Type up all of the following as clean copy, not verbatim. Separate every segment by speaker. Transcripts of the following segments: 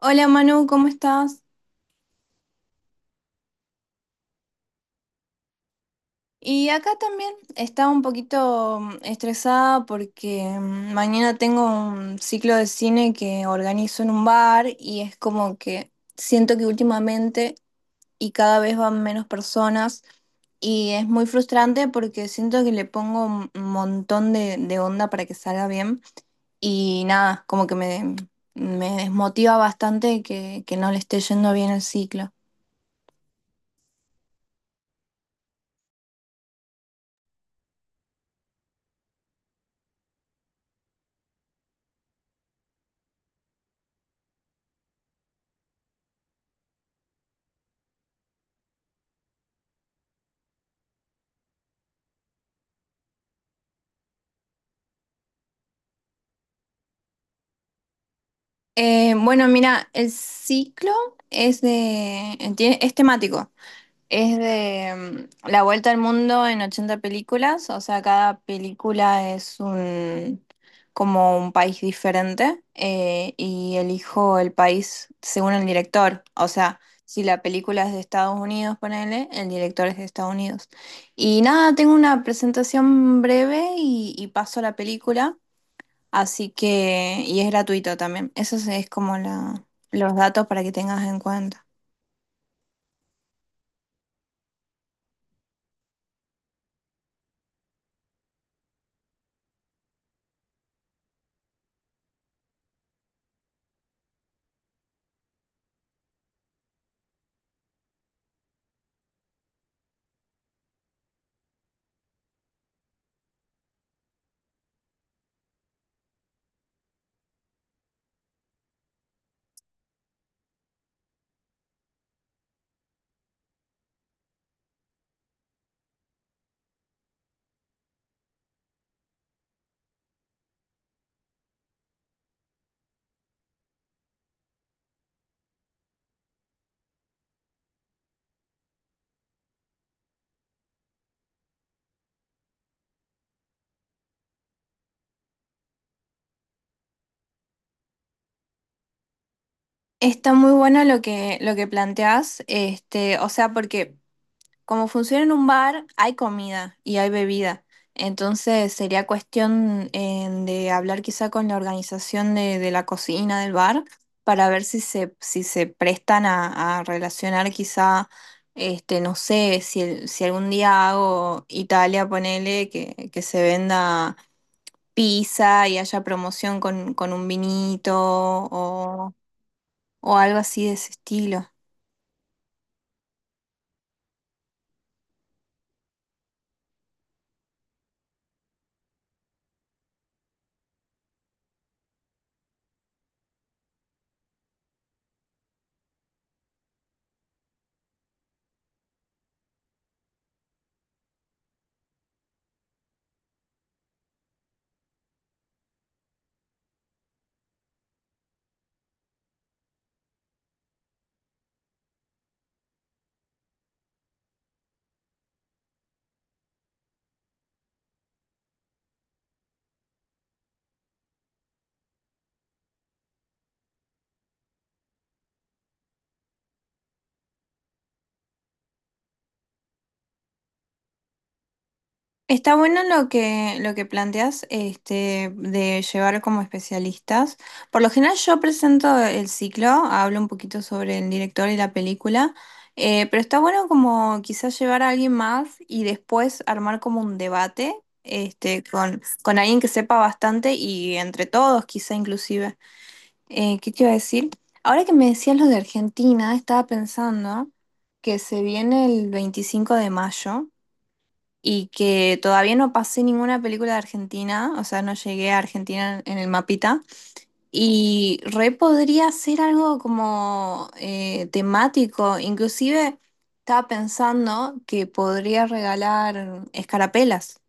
Speaker 1: Hola Manu, ¿cómo estás? Y acá también estaba un poquito estresada porque mañana tengo un ciclo de cine que organizo en un bar y es como que siento que últimamente y cada vez van menos personas, y es muy frustrante porque siento que le pongo un montón de onda para que salga bien. Y nada, como que me desmotiva bastante que no le esté yendo bien el ciclo. Bueno, mira, el ciclo es de, es temático. Es de la vuelta al mundo en 80 películas. O sea, cada película es un como un país diferente, y elijo el país según el director. O sea, si la película es de Estados Unidos, ponele, el director es de Estados Unidos. Y nada, tengo una presentación breve y paso a la película. Así que, y es gratuito también. Eso es como los datos para que tengas en cuenta. Está muy bueno lo lo que planteás, este, o sea, porque como funciona en un bar, hay comida y hay bebida. Entonces sería cuestión de hablar quizá con la organización de la cocina del bar para ver si si se prestan a relacionar quizá, este, no sé, si, si algún día hago Italia, ponele, que se venda pizza y haya promoción con un vinito o algo así de ese estilo. Está bueno lo lo que planteas este, de llevar como especialistas. Por lo general yo presento el ciclo, hablo un poquito sobre el director y la película. Pero está bueno como quizás llevar a alguien más y después armar como un debate este, con alguien que sepa bastante y entre todos quizá inclusive. ¿Qué te iba a decir? Ahora que me decías lo de Argentina, estaba pensando que se viene el 25 de mayo y que todavía no pasé ninguna película de Argentina. O sea, no llegué a Argentina en el mapita. Y re podría ser algo como temático. Inclusive estaba pensando que podría regalar escarapelas.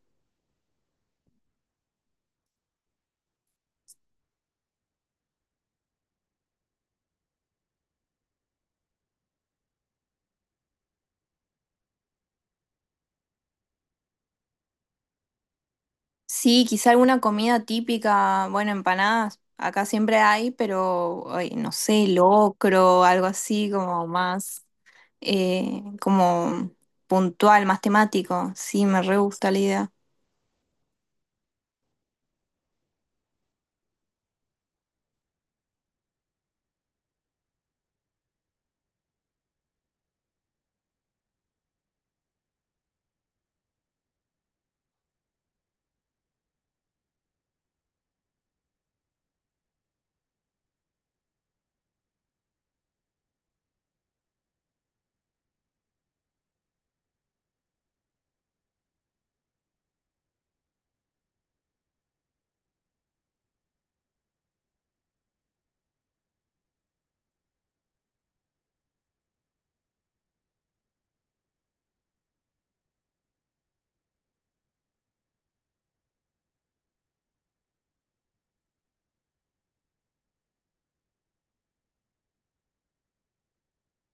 Speaker 1: Sí, quizá alguna comida típica, bueno, empanadas, acá siempre hay, pero ay, no sé, locro, algo así como más, como puntual, más temático. Sí, me re gusta la idea.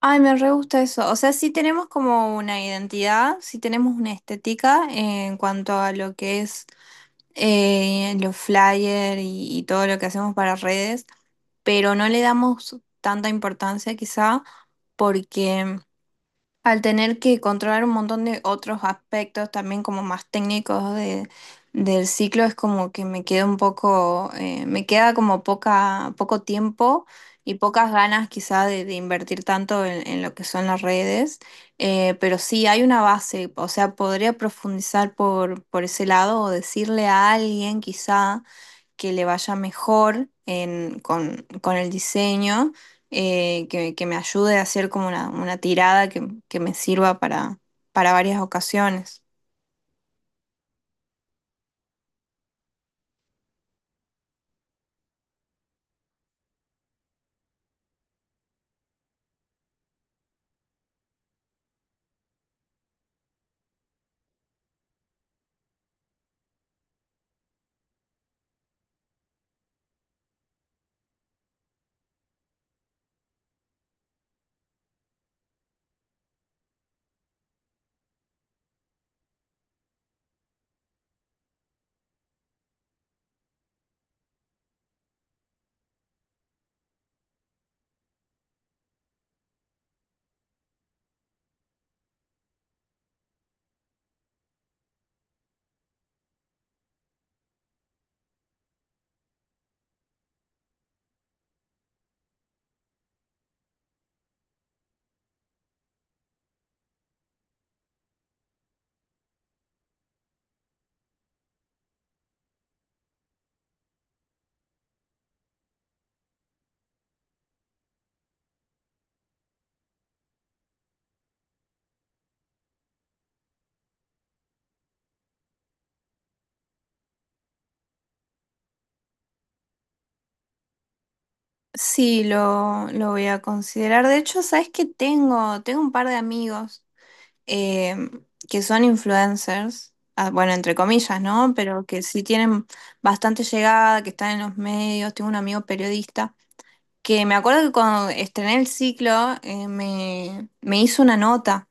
Speaker 1: Ay, me re gusta eso. O sea, sí tenemos como una identidad, sí tenemos una estética en cuanto a lo que es los flyers y todo lo que hacemos para redes, pero no le damos tanta importancia quizá porque al tener que controlar un montón de otros aspectos también como más técnicos de, del ciclo, es como que me queda un poco, me queda como poco tiempo y pocas ganas quizá de invertir tanto en lo que son las redes. Pero sí hay una base, o sea, podría profundizar por ese lado o decirle a alguien quizá que le vaya mejor con el diseño, que me ayude a hacer como una tirada que me sirva para varias ocasiones. Sí, lo voy a considerar. De hecho, ¿sabes que tengo? Tengo un par de amigos eh, que son influencers, ah, bueno, entre comillas, ¿no? Pero que sí tienen bastante llegada, que están en los medios. Tengo un amigo periodista que me acuerdo que cuando estrené el ciclo me hizo una nota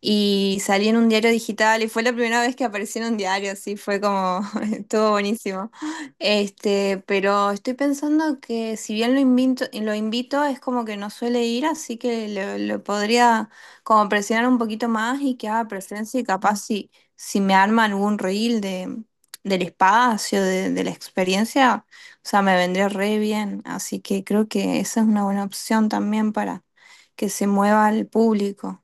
Speaker 1: y salí en un diario digital y fue la primera vez que aparecí en un diario, así fue como, estuvo buenísimo. Este, pero estoy pensando que si bien lo invito, es como que no suele ir, así que lo podría como presionar un poquito más y que haga presencia, y capaz si, si me arma algún reel de, del espacio, de la experiencia, o sea, me vendría re bien. Así que creo que esa es una buena opción también para que se mueva el público.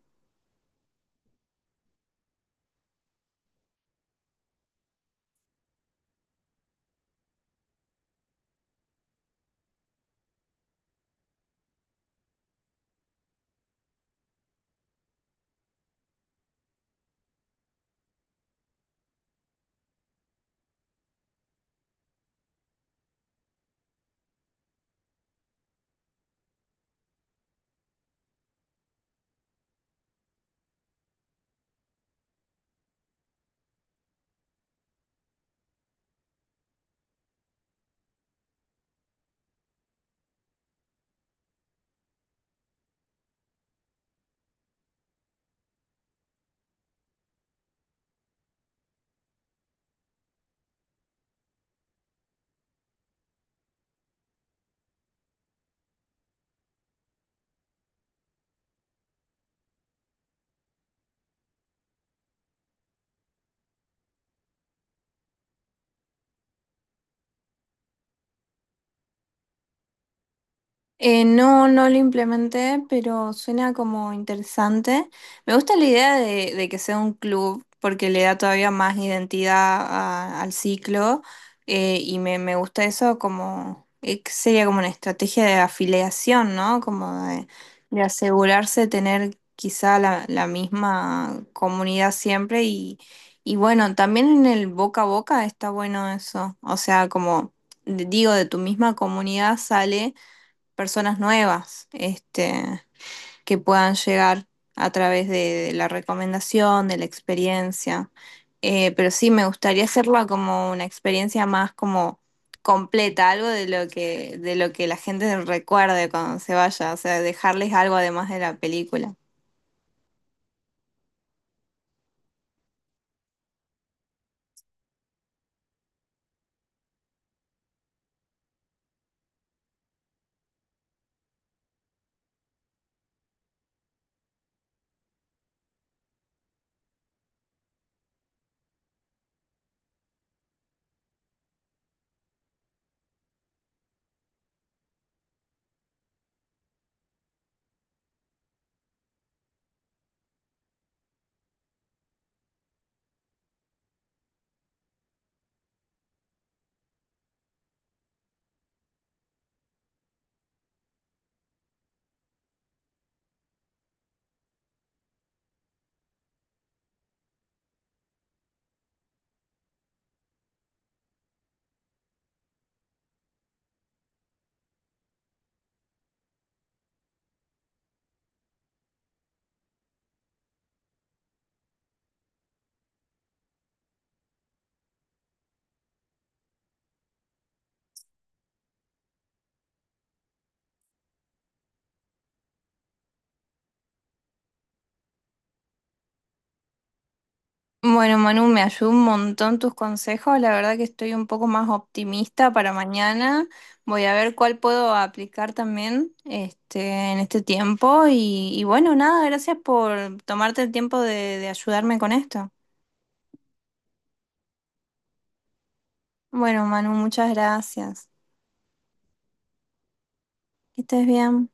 Speaker 1: No, no lo implementé, pero suena como interesante. Me gusta la idea de que sea un club porque le da todavía más identidad al ciclo, y me gusta eso como, que sería como una estrategia de afiliación, ¿no? Como de asegurarse de tener quizá la misma comunidad siempre y bueno, también en el boca a boca está bueno eso, o sea, como... Digo, de tu misma comunidad sale personas nuevas, este, que puedan llegar a través de la recomendación, de la experiencia. Pero sí, me gustaría hacerla como una experiencia más como completa, algo de lo de lo que la gente recuerde cuando se vaya, o sea, dejarles algo además de la película. Bueno, Manu, me ayudó un montón tus consejos. La verdad que estoy un poco más optimista para mañana. Voy a ver cuál puedo aplicar también este, en este tiempo. Y bueno, nada, gracias por tomarte el tiempo de ayudarme con esto. Bueno, Manu, muchas gracias. Que estés bien.